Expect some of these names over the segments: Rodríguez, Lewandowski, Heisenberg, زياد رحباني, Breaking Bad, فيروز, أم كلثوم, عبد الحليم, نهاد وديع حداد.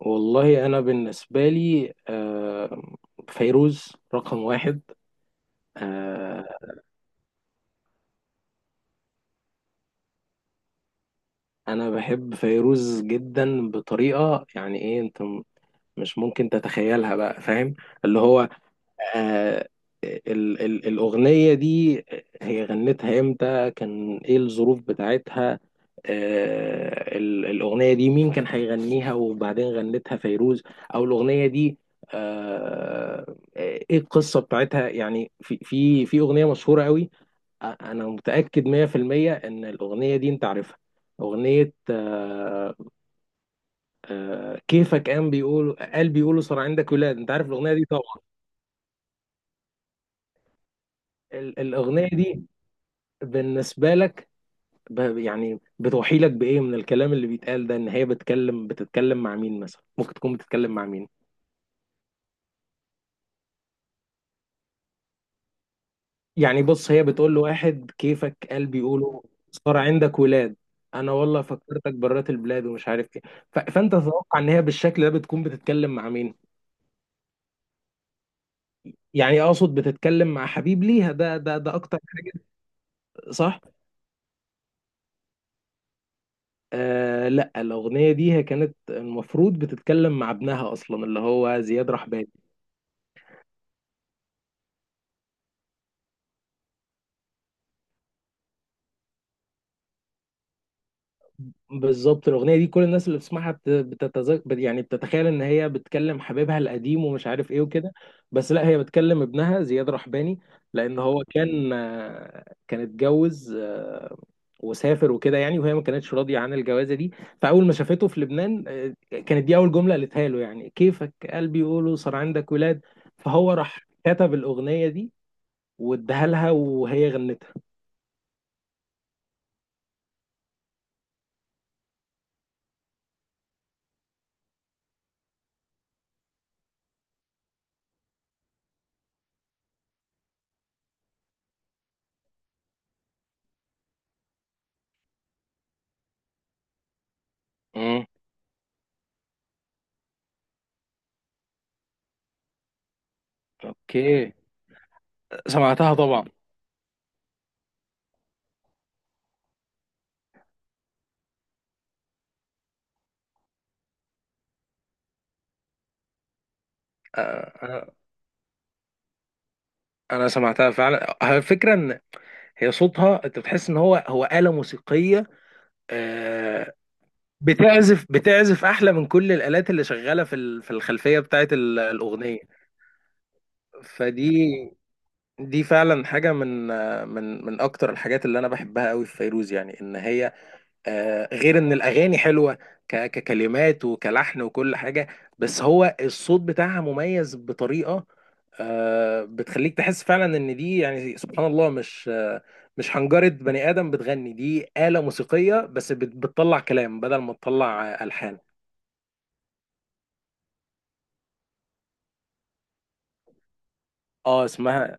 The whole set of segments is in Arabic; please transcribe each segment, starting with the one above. والله أنا بالنسبة لي فيروز رقم واحد. آه، أنا بحب فيروز جدا بطريقة يعني إيه، أنت مش ممكن تتخيلها بقى، فاهم؟ اللي هو آه، ال ال الأغنية دي هي غنتها امتى، كان ايه الظروف بتاعتها؟ الأغنية دي مين كان هيغنيها وبعدين غنتها فيروز؟ أو الأغنية دي ايه القصة بتاعتها يعني؟ في في في أغنية مشهورة قوي، أنا متأكد 100% إن الأغنية دي أنت عارفها. أغنية كيفك، قام بيقولوا، قال بيقولوا صار عندك ولاد. أنت عارف الأغنية دي طبعا. الأغنية دي بالنسبة لك، يعني بتوحي لك بإيه من الكلام اللي بيتقال ده؟ إن هي بتتكلم مع مين مثلا، ممكن تكون بتتكلم مع مين؟ يعني بص، هي بتقول له واحد: كيفك قلبي، يقوله صار عندك ولاد، أنا والله فكرتك برات البلاد ومش عارف إيه. فأنت تتوقع إن هي بالشكل ده بتكون بتتكلم مع مين؟ يعني أقصد بتتكلم مع حبيب ليها ده أكتر، صح؟ لا، الأغنية دي هي كانت المفروض بتتكلم مع ابنها أصلا، اللي هو زياد رحباني. بالظبط، الاغنيه دي كل الناس اللي بتسمعها بتتذكر، يعني بتتخيل ان هي بتكلم حبيبها القديم ومش عارف ايه وكده. بس لا، هي بتكلم ابنها زياد رحباني. لان هو كان كان اتجوز وسافر وكده يعني، وهي ما كانتش راضيه عن الجوازه دي. فاول ما شافته في لبنان كانت دي اول جمله قالتها له، يعني كيفك قلبي، يقوله صار عندك ولاد. فهو راح كتب الاغنيه دي واداها لها وهي غنتها. امم. اوكي. سمعتها طبعا. آه، انا سمعتها فعلا. على فكره، ان هي صوتها انت بتحس ان هو آلة موسيقيه، آه، بتعزف احلى من كل الآلات اللي شغاله في في الخلفيه بتاعت الاغنيه. فدي دي فعلا حاجه من من اكتر الحاجات اللي انا بحبها قوي في فيروز. يعني ان هي غير ان الاغاني حلوه ككلمات وكلحن وكل حاجه، بس هو الصوت بتاعها مميز بطريقه بتخليك تحس فعلا ان دي، يعني سبحان الله، مش مش حنجره بني ادم بتغني، دي آلة موسيقيه بس بتطلع كلام بدل ما تطلع الحان. اه، اسمها.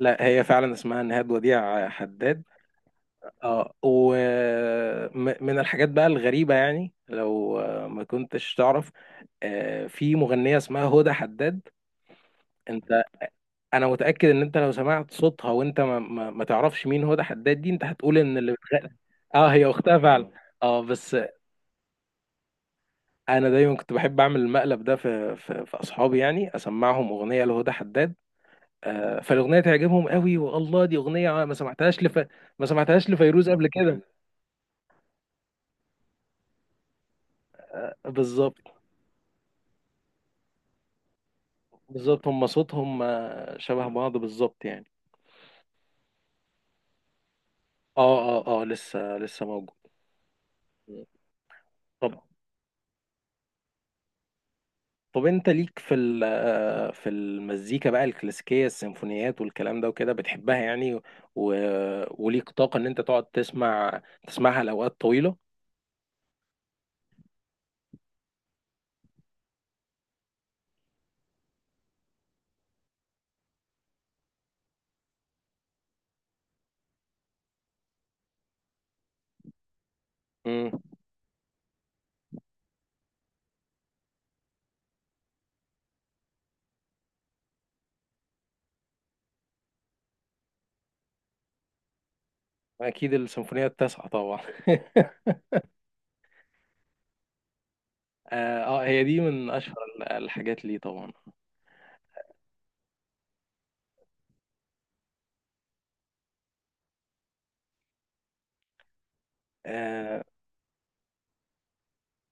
لا، هي فعلا اسمها نهاد وديع حداد. اه، ومن الحاجات بقى الغريبه، يعني لو ما كنتش تعرف، في مغنيه اسمها هدى حداد. انت، انا متاكد ان انت لو سمعت صوتها وانت ما تعرفش مين هدى حداد دي، انت هتقول ان اللي بتغني، اه، هي اختها فعلا. اه بس، انا دايما كنت بحب اعمل المقلب ده في في اصحابي، يعني اسمعهم اغنيه لهدى حداد، فالاغنيه تعجبهم قوي. والله دي اغنيه، ما سمعتهاش لفيروز قبل كده. بالظبط بالظبط، هم صوتهم شبه بعض بالظبط يعني. اه اه اه، لسه لسه موجود. طب طب، انت ليك في في المزيكا بقى الكلاسيكيه، السيمفونيات والكلام ده وكده، بتحبها يعني؟ و... وليك طاقه ان انت تقعد تسمعها لاوقات طويله؟ امم. اكيد، السيمفونيه التاسعه طبعا. اه، هي دي من اشهر الحاجات ليه طبعا. آه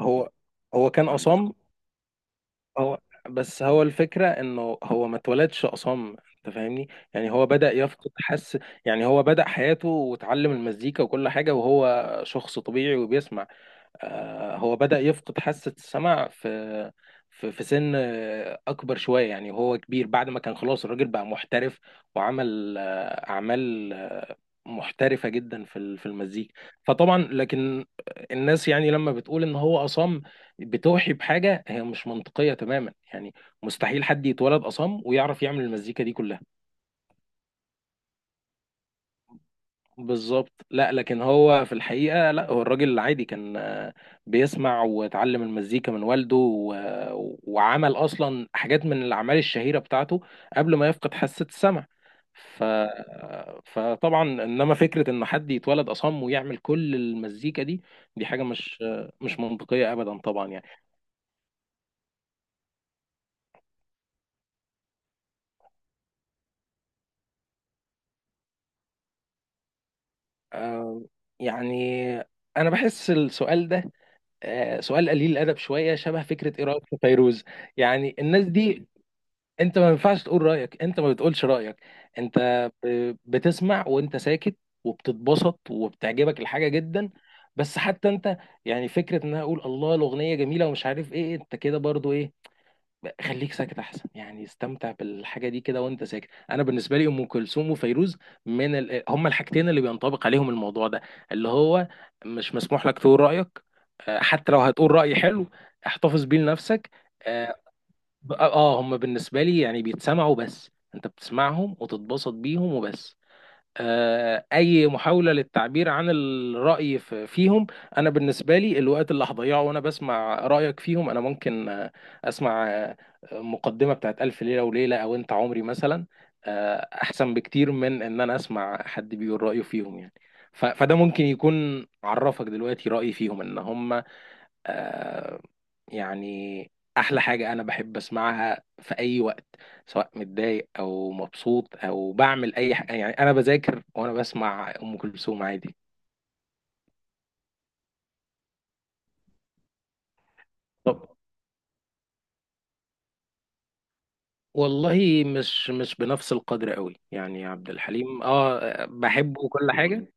هو هو كان اصم. هو، بس هو الفكرة، انه هو ما اتولدش أصم، انت فاهمني؟ يعني هو بدأ يفقد حس. يعني هو بدأ حياته وتعلم المزيكا وكل حاجة وهو شخص طبيعي وبيسمع. هو بدأ يفقد حاسة السمع في في سن أكبر شوية يعني، وهو كبير، بعد ما كان خلاص الراجل بقى محترف وعمل أعمال محترفة جدا في في المزيكا. فطبعا لكن الناس، يعني لما بتقول إن هو أصم، بتوحي بحاجة هي مش منطقية تماما يعني. مستحيل حد يتولد أصم ويعرف يعمل المزيكا دي كلها. بالظبط، لا لكن هو في الحقيقة، لا هو الراجل العادي كان بيسمع وتعلم المزيكا من والده وعمل أصلا حاجات من الأعمال الشهيرة بتاعته قبل ما يفقد حاسة السمع. ف... فطبعا، إنما فكرة إن حد يتولد أصم ويعمل كل المزيكا دي، دي حاجة مش مش منطقية أبدا طبعا يعني. آه، يعني أنا بحس السؤال ده سؤال قليل الأدب شوية، شبه فكرة إيه رأيك في فيروز. يعني الناس دي انت ما ينفعش تقول رايك، انت ما بتقولش رايك، انت بتسمع وانت ساكت وبتتبسط وبتعجبك الحاجه جدا. بس حتى انت يعني، فكره ان انا اقول الله الاغنيه جميله ومش عارف ايه، انت كده برضو ايه. خليك ساكت احسن، يعني استمتع بالحاجه دي كده وانت ساكت. انا بالنسبه لي ام كلثوم وفيروز هما الحاجتين اللي بينطبق عليهم الموضوع ده، اللي هو مش مسموح لك تقول رايك، اه، حتى لو هتقول راي حلو، احتفظ بيه لنفسك. آه، هم بالنسبه لي يعني بيتسمعوا بس، انت بتسمعهم وتتبسط بيهم وبس. اي محاوله للتعبير عن الراي فيهم، انا بالنسبه لي الوقت اللي هضيعه وانا بسمع رايك فيهم، انا ممكن اسمع مقدمه بتاعت الف ليله وليله، او انت عمري مثلا، آه احسن بكتير من ان انا اسمع حد بيقول رايه فيهم يعني. فده ممكن يكون عرفك دلوقتي رايي فيهم، ان هم آه، يعني احلى حاجة انا بحب اسمعها في اي وقت، سواء متضايق او مبسوط او بعمل اي حاجة يعني. انا بذاكر وانا بسمع ام كلثوم عادي. طب، والله مش بنفس القدر قوي يعني. عبد الحليم اه، بحبه وكل حاجة.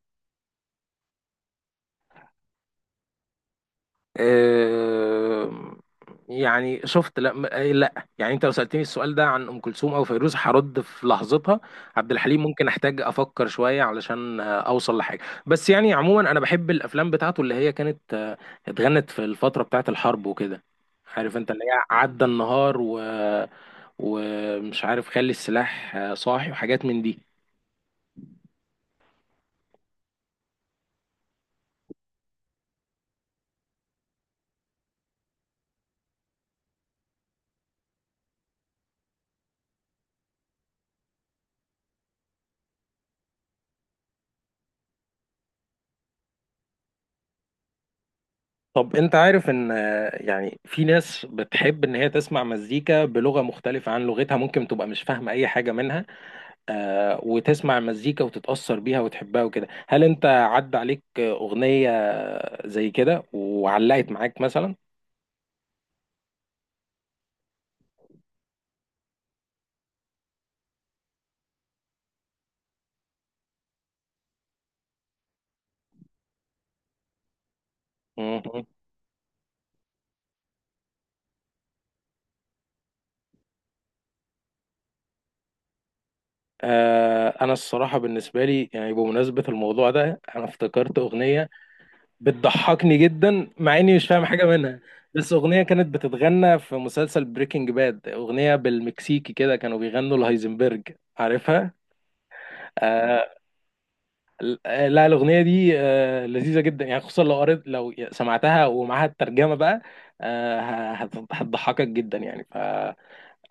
آه، يعني شفت، لا لا يعني، انت لو سألتني السؤال ده عن ام كلثوم او فيروز هرد في لحظتها. عبد الحليم ممكن احتاج افكر شوية علشان اوصل لحاجة. بس يعني عموما، انا بحب الافلام بتاعته، اللي هي كانت اتغنت في الفترة بتاعت الحرب وكده. عارف انت، اللي هي عدى النهار، ومش عارف خلي السلاح صاحي، وحاجات من دي. طب انت عارف ان يعني في ناس بتحب ان هي تسمع مزيكا بلغة مختلفة عن لغتها، ممكن تبقى مش فاهمة اي حاجة منها، وتسمع مزيكا وتتأثر بيها وتحبها وكده. هل انت عدى عليك اغنية زي كده وعلقت معاك مثلا؟ مهم. انا الصراحة بالنسبة لي، يعني بمناسبة الموضوع ده، انا افتكرت اغنية بتضحكني جدا مع اني مش فاهم حاجه منها. بس اغنيه كانت بتتغنى في مسلسل بريكنج باد، اغنيه بالمكسيكي كده، كانوا بيغنوا الهايزنبرج، عارفها؟ آه لا، الاغنيه دي لذيذه جدا يعني، خصوصا لو سمعتها ومعاها الترجمه بقى، هتضحكك جدا يعني.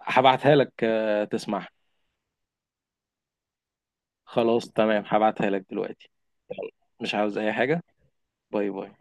فهبعتها لك تسمعها. خلاص تمام، هبعتها لك دلوقتي. مش عاوز اي حاجه. باي باي.